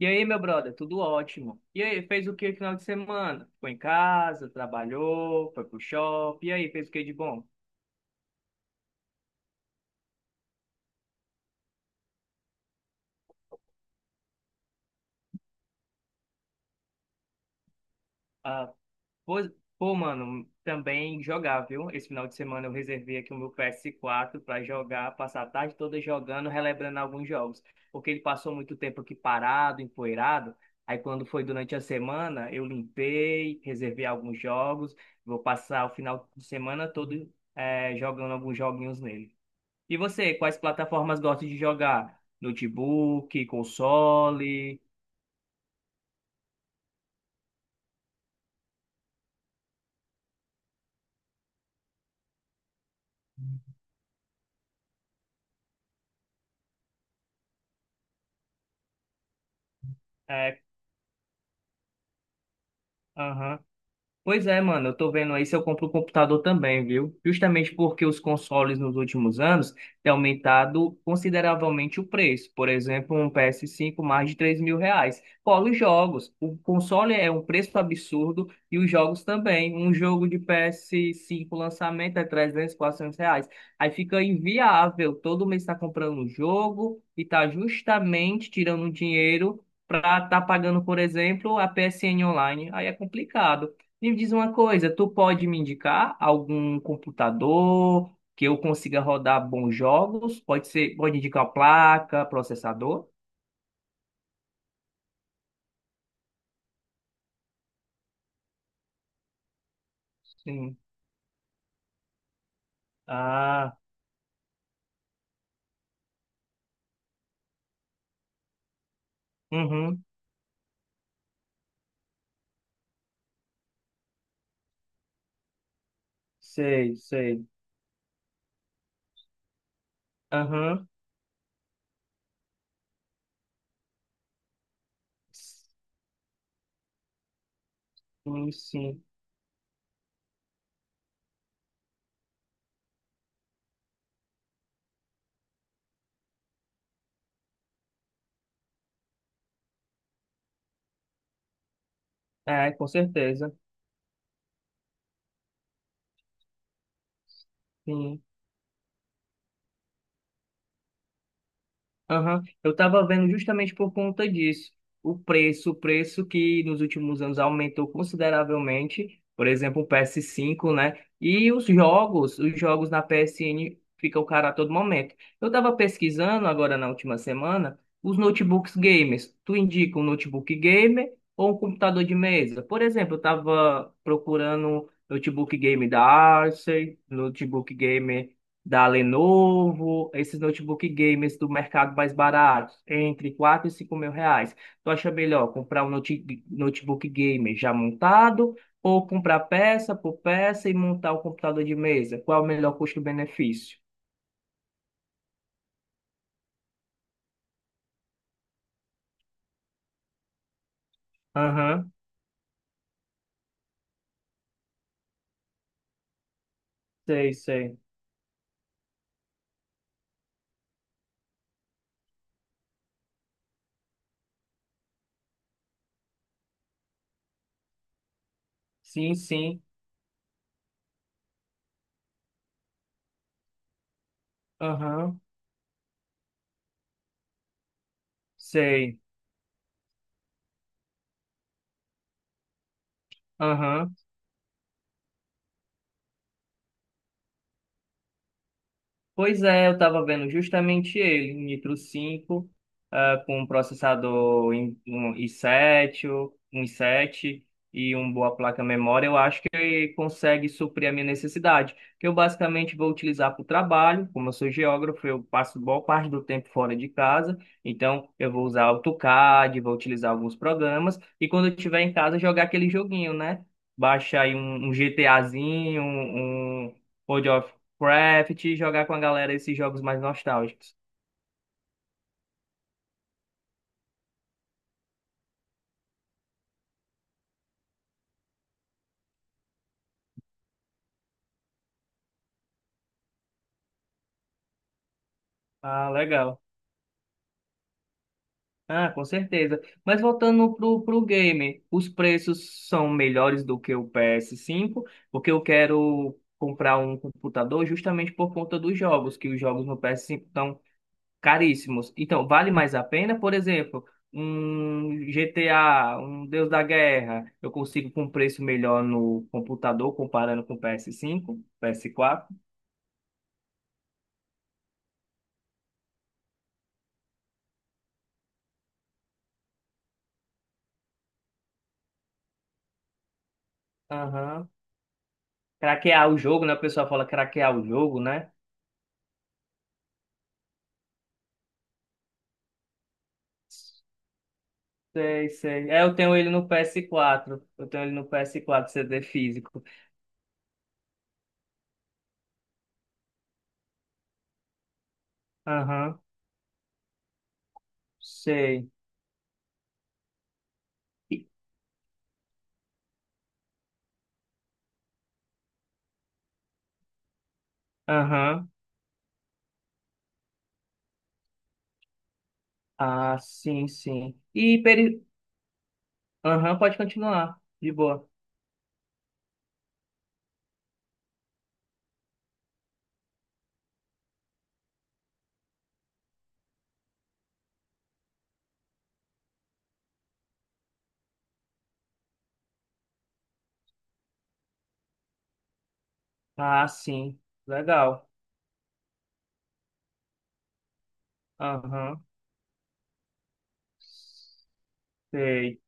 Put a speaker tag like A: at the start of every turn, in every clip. A: E aí, meu brother, tudo ótimo. E aí, fez o que no final de semana? Ficou em casa, trabalhou, foi pro shopping. E aí, fez o que de bom? Ah, pois- pô, mano, também jogar, viu? Esse final de semana eu reservei aqui o meu PS4 pra jogar, passar a tarde toda jogando, relembrando alguns jogos. Porque ele passou muito tempo aqui parado, empoeirado. Aí, quando foi durante a semana, eu limpei, reservei alguns jogos. Vou passar o final de semana todo, jogando alguns joguinhos nele. E você, quais plataformas gosta de jogar? Notebook, console? É, aham. Pois é, mano, eu tô vendo aí se eu compro o computador também, viu? Justamente porque os consoles nos últimos anos têm aumentado consideravelmente o preço. Por exemplo, um PS5 mais de 3 mil reais. Fora os jogos. O console é um preço absurdo e os jogos também. Um jogo de PS5 lançamento é 300, 400 reais. Aí fica inviável. Todo mês tá comprando um jogo e tá justamente tirando dinheiro. Para estar tá pagando, por exemplo, a PSN online, aí é complicado. Me diz uma coisa, tu pode me indicar algum computador que eu consiga rodar bons jogos? Pode ser, pode indicar placa, processador? Sim. Ah, uhum, sei, sei. Aham, sim, sim. É, com certeza. Sim. Aham, eu estava vendo justamente por conta disso. O preço que nos últimos anos aumentou consideravelmente, por exemplo, o PS5, né? E os jogos na PSN ficam caros a todo momento. Eu estava pesquisando agora na última semana os notebooks gamers. Tu indica um notebook gamer ou um computador de mesa? Por exemplo, eu estava procurando notebook game da Acer, notebook gamer da Lenovo, esses notebook gamers do mercado mais baratos, entre 4 e 5 mil reais. Tu acha melhor comprar um notebook gamer já montado ou comprar peça por peça e montar o computador de mesa? Qual é o melhor custo-benefício? Aham, sei, sei. Sim, sim. Aham, sei. Aham. Pois é, eu estava vendo justamente ele, um Nitro 5 com um processador um i7 e uma boa placa memória, eu acho que consegue suprir a minha necessidade, que eu basicamente vou utilizar para o trabalho, como eu sou geógrafo, eu passo boa parte do tempo fora de casa, então eu vou usar AutoCAD, vou utilizar alguns programas, e quando eu estiver em casa, jogar aquele joguinho, né? Baixa aí um GTAzinho, um Craft, jogar com a galera esses jogos mais nostálgicos. Ah, legal. Ah, com certeza. Mas voltando pro game, os preços são melhores do que o PS5, porque eu quero comprar um computador justamente por conta dos jogos, que os jogos no PS5 estão caríssimos. Então, vale mais a pena, por exemplo, um GTA, um Deus da Guerra, eu consigo com um preço melhor no computador comparando com o PS5, PS4. Aham. Craquear o jogo, né? O pessoal fala craquear o jogo, né? Sei, sei. É, eu tenho ele no PS4. Eu tenho ele no PS4, CD físico. Aham, sei. E- Aham. Ah, sim, sim. Aham, pode continuar. De boa. Ah, sim. Legal. Aham, sei.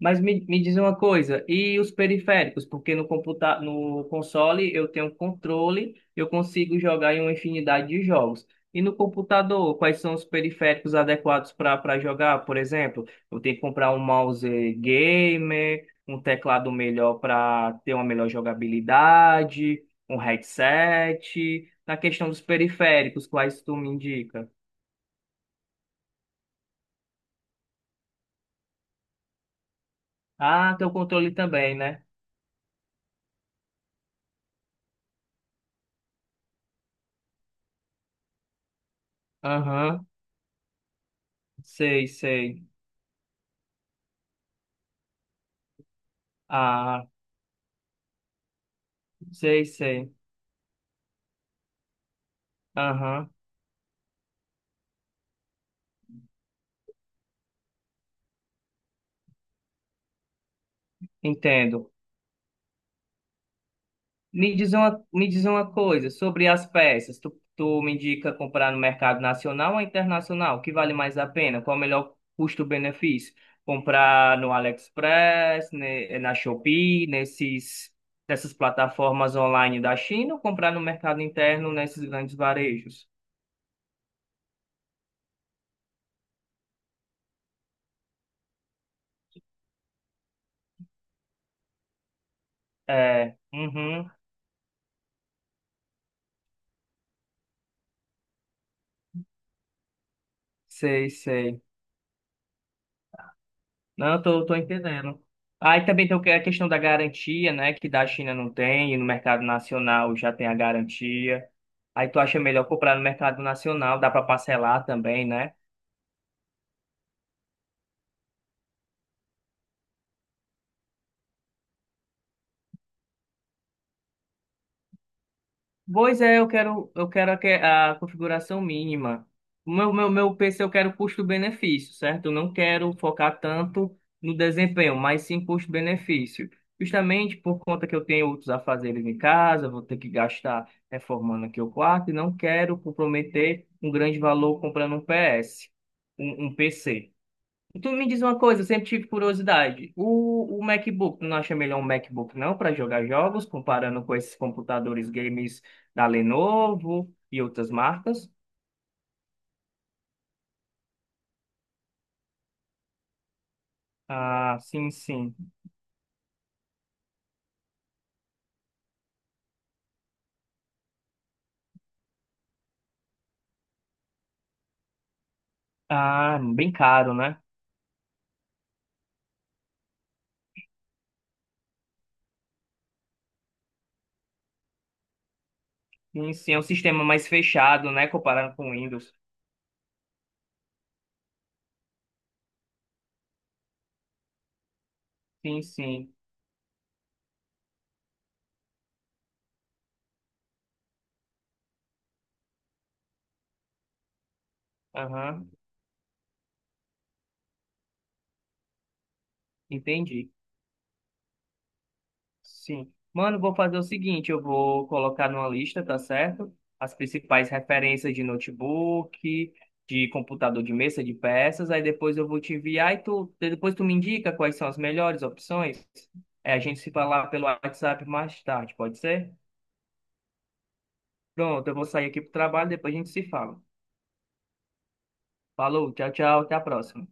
A: Mas me diz uma coisa, e os periféricos? Porque no console eu tenho controle, eu consigo jogar em uma infinidade de jogos. E no computador, quais são os periféricos adequados para jogar? Por exemplo, eu tenho que comprar um mouse gamer, um teclado melhor para ter uma melhor jogabilidade, um headset. Na questão dos periféricos, quais tu me indica? Ah, tem o controle também, né? Aham, sei, sei. Ah, sei, sei. Aham, entendo. Me diz uma coisa sobre as peças. Tu me indica comprar no mercado nacional ou internacional? O que vale mais a pena? Qual é o melhor custo-benefício? Comprar no AliExpress, na Shopee, nesses, nessas plataformas online da China ou comprar no mercado interno nesses grandes varejos? É, uhum, sei, sei. Não, eu tô entendendo. Aí também tem a questão da garantia, né? Que da China não tem, e no mercado nacional já tem a garantia. Aí tu acha melhor comprar no mercado nacional, dá para parcelar também, né? Pois é, eu quero a configuração mínima. O meu PC eu quero custo-benefício, certo? Eu não quero focar tanto no desempenho, mas sim custo-benefício. Justamente por conta que eu tenho outros afazeres em casa, vou ter que gastar reformando aqui o quarto e não quero comprometer um grande valor comprando um PS, um PC. Tu me diz uma coisa, eu sempre tive curiosidade. O MacBook, tu não acha melhor um MacBook não para jogar jogos, comparando com esses computadores games da Lenovo e outras marcas? Ah, sim, sim. Ah, bem caro, né? Sim, sim, é um sistema mais fechado, né, comparado com o Windows. Sim, sim. Aham, entendi. Sim. Mano, vou fazer o seguinte, eu vou colocar numa lista, tá certo? As principais referências de notebook, de computador de mesa, de peças, aí depois eu vou te enviar e tu, depois tu me indica quais são as melhores opções. É, a gente se falar pelo WhatsApp mais tarde, pode ser? Pronto, eu vou sair aqui pro trabalho, depois a gente se fala. Falou, tchau, tchau, até a próxima.